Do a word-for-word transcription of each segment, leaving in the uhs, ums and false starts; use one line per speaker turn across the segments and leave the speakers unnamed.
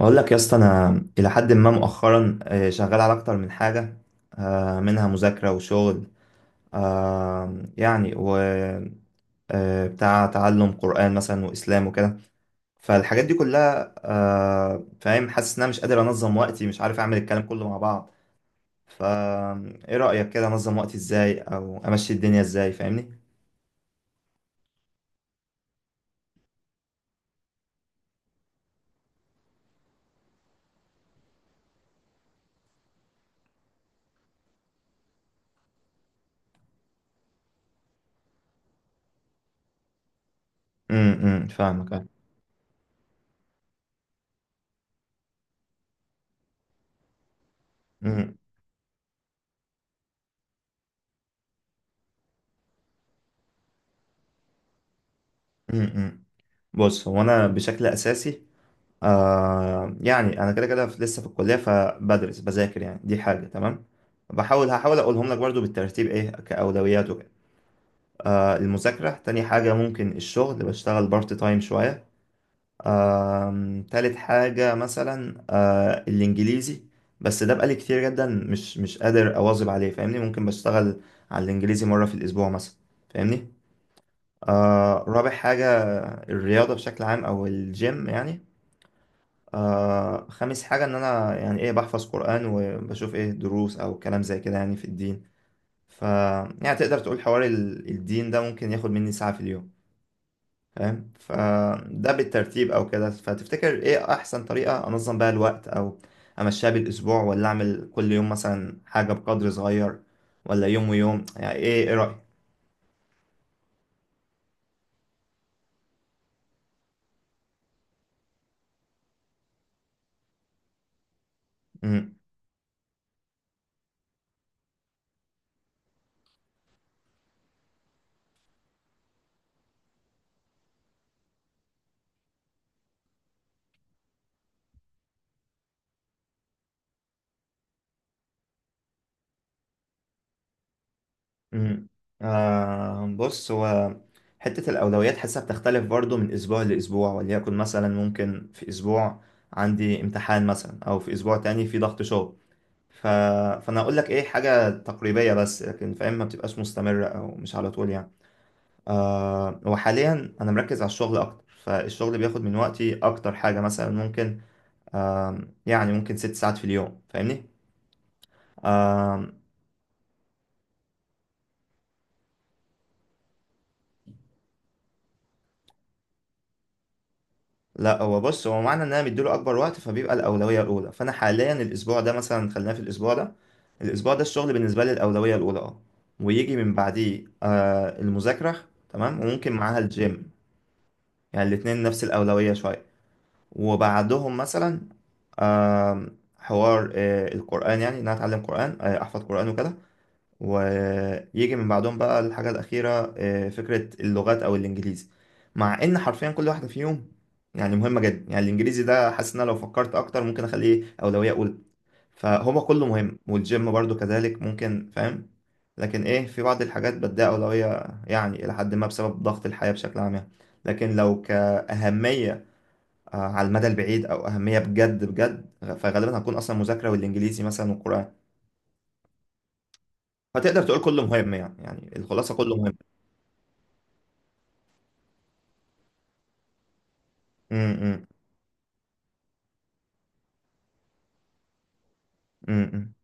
اقول لك يا اسطى، انا الى حد ما مؤخرا آه، شغال على اكتر من حاجه. آه، منها مذاكره وشغل. آه، يعني و آه، بتاع تعلم قران مثلا، واسلام وكده. فالحاجات دي كلها آه، فاهم، حاسس ان انا مش قادر انظم وقتي، مش عارف اعمل الكلام كله مع بعض. فا ايه رايك كده؟ انظم وقتي ازاي، او امشي الدنيا ازاي، فاهمني؟ امم، فاهمك أه. أمم، أمم، أمم. بص، هو انا بشكل اساسي، آه يعني انا كده كده في- لسه في الكليه، فبدرس بذاكر، يعني دي حاجه تمام. بحاول هحاول اقولهم لك برضو بالترتيب، ايه كاولويات وكده. آه المذاكره تاني حاجه، ممكن الشغل، بشتغل بارت تايم شويه. آه تالت حاجه مثلا آه الانجليزي. بس ده بقالي كتير جدا، مش مش قادر اواظب عليه، فاهمني؟ ممكن بشتغل على الانجليزي مره في الاسبوع مثلا، فاهمني. آه رابع حاجه، الرياضه بشكل عام او الجيم يعني. آه خامس حاجة، إن أنا يعني إيه، بحفظ قرآن وبشوف إيه دروس أو كلام زي كده يعني في الدين. ف يعني تقدر تقول حوار ال- الدين ده ممكن ياخد مني ساعة في اليوم، فاهم؟ فده بالترتيب أو كده، فتفتكر إيه أحسن طريقة أنظم بيها الوقت، أو أمشيها بالأسبوع، ولا أعمل كل يوم مثلا حاجة بقدر صغير، ولا يوم ويوم، يعني إيه إيه رأيك؟ امم. آه بص، هو حتة الأولويات حاسة بتختلف برضو من أسبوع لأسبوع، وليكن مثلا ممكن في أسبوع عندي امتحان مثلا، أو في أسبوع تاني في ضغط شغل. ف... فأنا أقول لك إيه حاجة تقريبية بس، لكن فاهم ما بتبقاش مستمرة أو مش على طول يعني. آه وحاليا أنا مركز على الشغل أكتر، فالشغل بياخد من وقتي أكتر حاجة، مثلا ممكن آه يعني ممكن ست ساعات في اليوم، فاهمني؟ آه، لا، هو بص، هو معنى ان انا مديله اكبر وقت فبيبقى الاولويه الاولى. فانا حاليا الاسبوع ده مثلا، خلينا في الاسبوع ده، الاسبوع ده الشغل بالنسبه لي الاولويه الاولى، اه. ويجي من بعديه آه المذاكره، تمام، وممكن معاها الجيم، يعني الاتنين نفس الاولويه شويه. وبعدهم مثلا آه حوار آه القران، يعني ان انا اتعلم قران، آه احفظ قران وكده. ويجي من بعدهم بقى الحاجة الأخيرة، آه، فكرة اللغات أو الإنجليزي، مع إن حرفيا كل واحدة فيهم يعني مهمة جدا. يعني الإنجليزي ده حاسس إن أنا لو فكرت أكتر ممكن أخليه أولوية أولى، فهو كله مهم، والجيم برضو كذلك، ممكن فاهم. لكن إيه، في بعض الحاجات بديها أولوية يعني إلى حد ما بسبب ضغط الحياة بشكل عام يعني. لكن لو كأهمية آه، على المدى البعيد أو أهمية بجد بجد، فغالبا هتكون أصلا مذاكرة والإنجليزي مثلا والقرآن. فتقدر تقول كله مهم، يعني يعني الخلاصة كله مهم. امم. امم.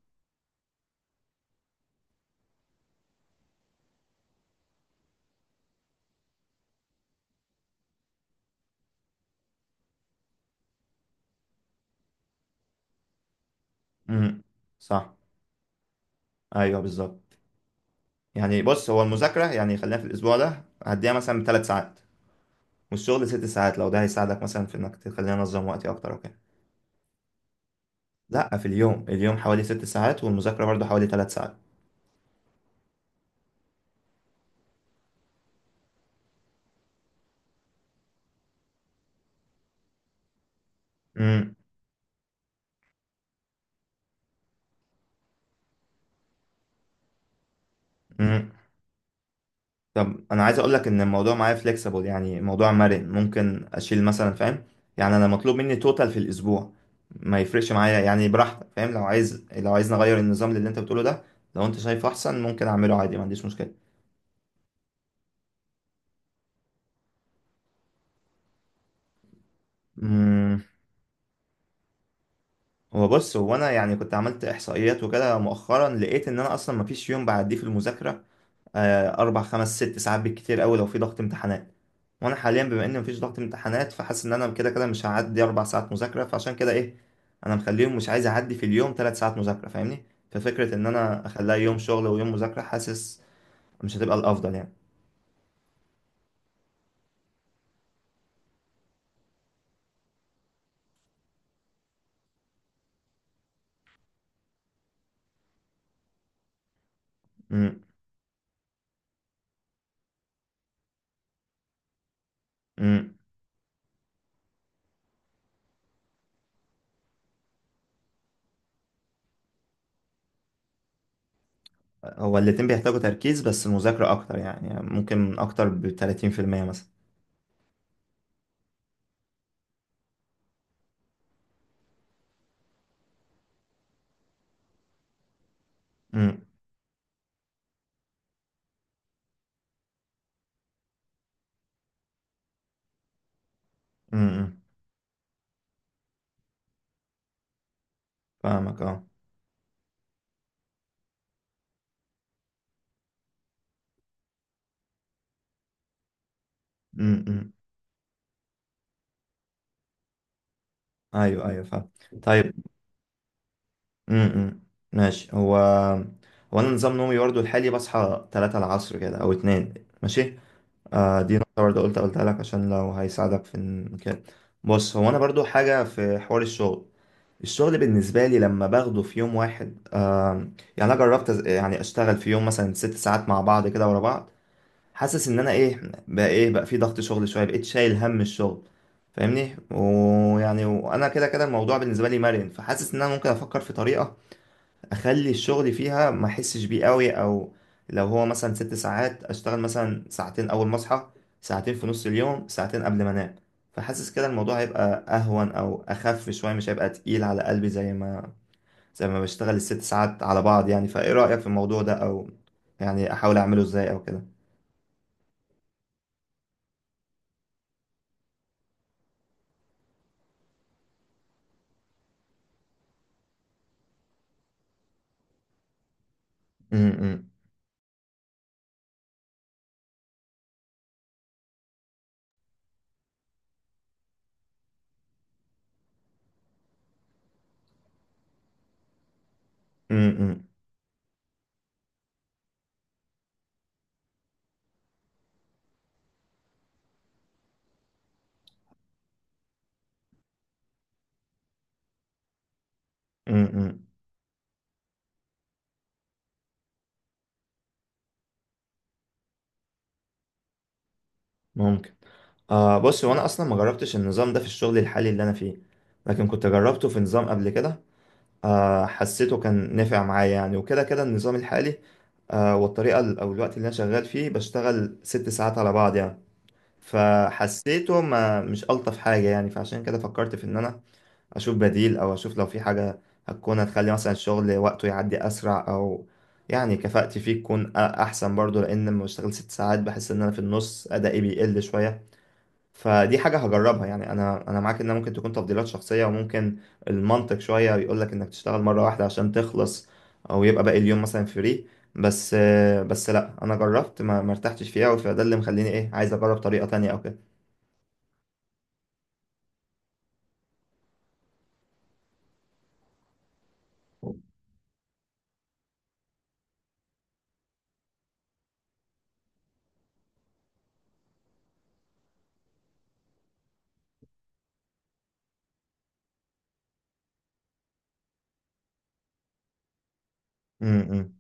امم. صح. ايوه بالظبط. يعني بص، هو المذاكره يعني خلينا في الاسبوع ده هديها مثلا ثلاث ساعات، والشغل ست ساعات. لو ده هيساعدك مثلا في انك تخليني انظم وقتي اكتر وكده. لا، في اليوم. اليوم حوالي ست ساعات، والمذاكره برضو حوالي ثلاث ساعات. امم. طب انا عايز اقول لك ان الموضوع معايا فليكسيبل، يعني الموضوع مرن، ممكن اشيل مثلا فاهم. يعني انا مطلوب مني توتال في الاسبوع، ما يفرقش معايا، يعني براحتك فاهم. لو عايز لو عايز نغير النظام اللي انت بتقوله ده، لو انت شايفه احسن، ممكن اعمله عادي، ما عنديش مشكله. امم. هو بص، هو انا يعني كنت عملت احصائيات وكده مؤخرا، لقيت ان انا اصلا ما فيش يوم بعديه في المذاكره آه، أربع خمس ست ساعات بالكتير أوي لو في ضغط امتحانات. وأنا حاليا بما إن مفيش ضغط امتحانات، فحاسس إن أنا كده كده مش هعدي أربع ساعات مذاكرة، فعشان كده إيه، أنا مخليهم مش عايز أعدي في اليوم تلات ساعات مذاكرة، فاهمني. ففكرة إن أنا أخليها يوم شغل ويوم مذاكرة، حاسس مش هتبقى الأفضل يعني. امم. امم. هو الاتنين بيحتاجوا تركيز، بس المذاكرة أكتر يعني, يعني ممكن أكتر بتلاتين في المية مثلا. امم. امم. أمم. فاهمك أه. امم. أمم. أيوه، أيوه، فاهم. طيب. امم. ماشي. هو هو انا نظام نومي برضه الحالي، بصحى الثالثة العصر كده او اتنين، ماشي. آه دي نقطة برضه، قلت قلتها لك عشان لو هيساعدك في إن كده. بص، هو انا برضه حاجة في حوار الشغل. الشغل بالنسبة لي لما باخده في يوم واحد، آه يعني انا جربت أز- يعني اشتغل في يوم مثلا ست ساعات مع بعض كده ورا بعض، حاسس ان انا ايه بقى ايه بقى في ضغط شغل شوية، بقيت شايل هم الشغل، فاهمني. ويعني وانا كده كده الموضوع بالنسبة لي مرن، فحاسس ان انا ممكن افكر في طريقة اخلي الشغل فيها ما احسش بيه قوي، او لو هو مثلا ست ساعات اشتغل مثلا ساعتين اول ما اصحى، ساعتين في نص اليوم، ساعتين قبل ما انام. فحاسس كده الموضوع هيبقى اهون او اخف شويه، مش هيبقى تقيل على قلبي زي ما زي ما بشتغل الست ساعات على بعض يعني. فايه رايك في الموضوع ده، او يعني احاول اعمله ازاي او كده؟ امم. امم. امم. ممكن. آه بص، هو انا اصلا ما جربتش النظام ده في الشغل الحالي اللي انا فيه، لكن كنت جربته في نظام قبل كده. آه، حسيته كان نافع معايا يعني، وكده كده النظام الحالي آه، والطريقة ال- أو الوقت اللي أنا شغال فيه بشتغل ست ساعات على بعض يعني، فحسيته ما مش ألطف حاجة يعني. فعشان كده فكرت في إن أنا أشوف بديل، أو أشوف لو في حاجة هتكون هتخلي مثلا الشغل وقته يعدي أسرع، أو يعني كفاءتي فيه تكون أ- أحسن برضو، لأن لما بشتغل ست ساعات بحس إن أنا في النص أدائي بيقل شوية. فدي حاجة هجربها يعني. أنا أنا معاك إنها ممكن تكون تفضيلات شخصية، وممكن المنطق شوية بيقول لك إنك تشتغل مرة واحدة عشان تخلص، أو يبقى باقي اليوم مثلا فري. بس بس لأ، أنا جربت ما ما ارتحتش فيها، فده اللي مخليني إيه عايز أجرب طريقة تانية أو كده. م- م.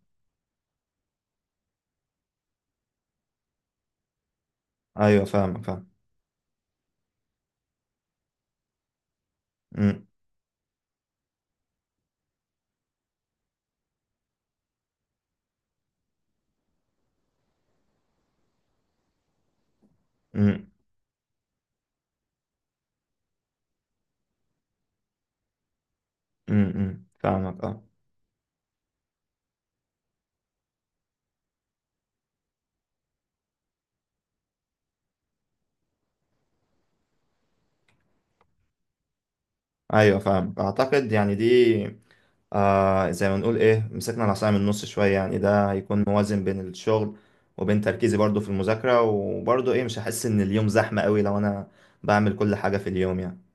أيوه، فاهمك، فاهم. م- م- م- م. فاهمك أه. ايوه، فاهم، اعتقد يعني دي آه زي ما نقول ايه، مسكنا العصاية من النص شوية، يعني ده هيكون موازن بين الشغل وبين تركيزي برضو في المذاكرة، وبرضو ايه مش هحس ان اليوم زحمة قوي لو انا بعمل كل حاجة في اليوم يعني.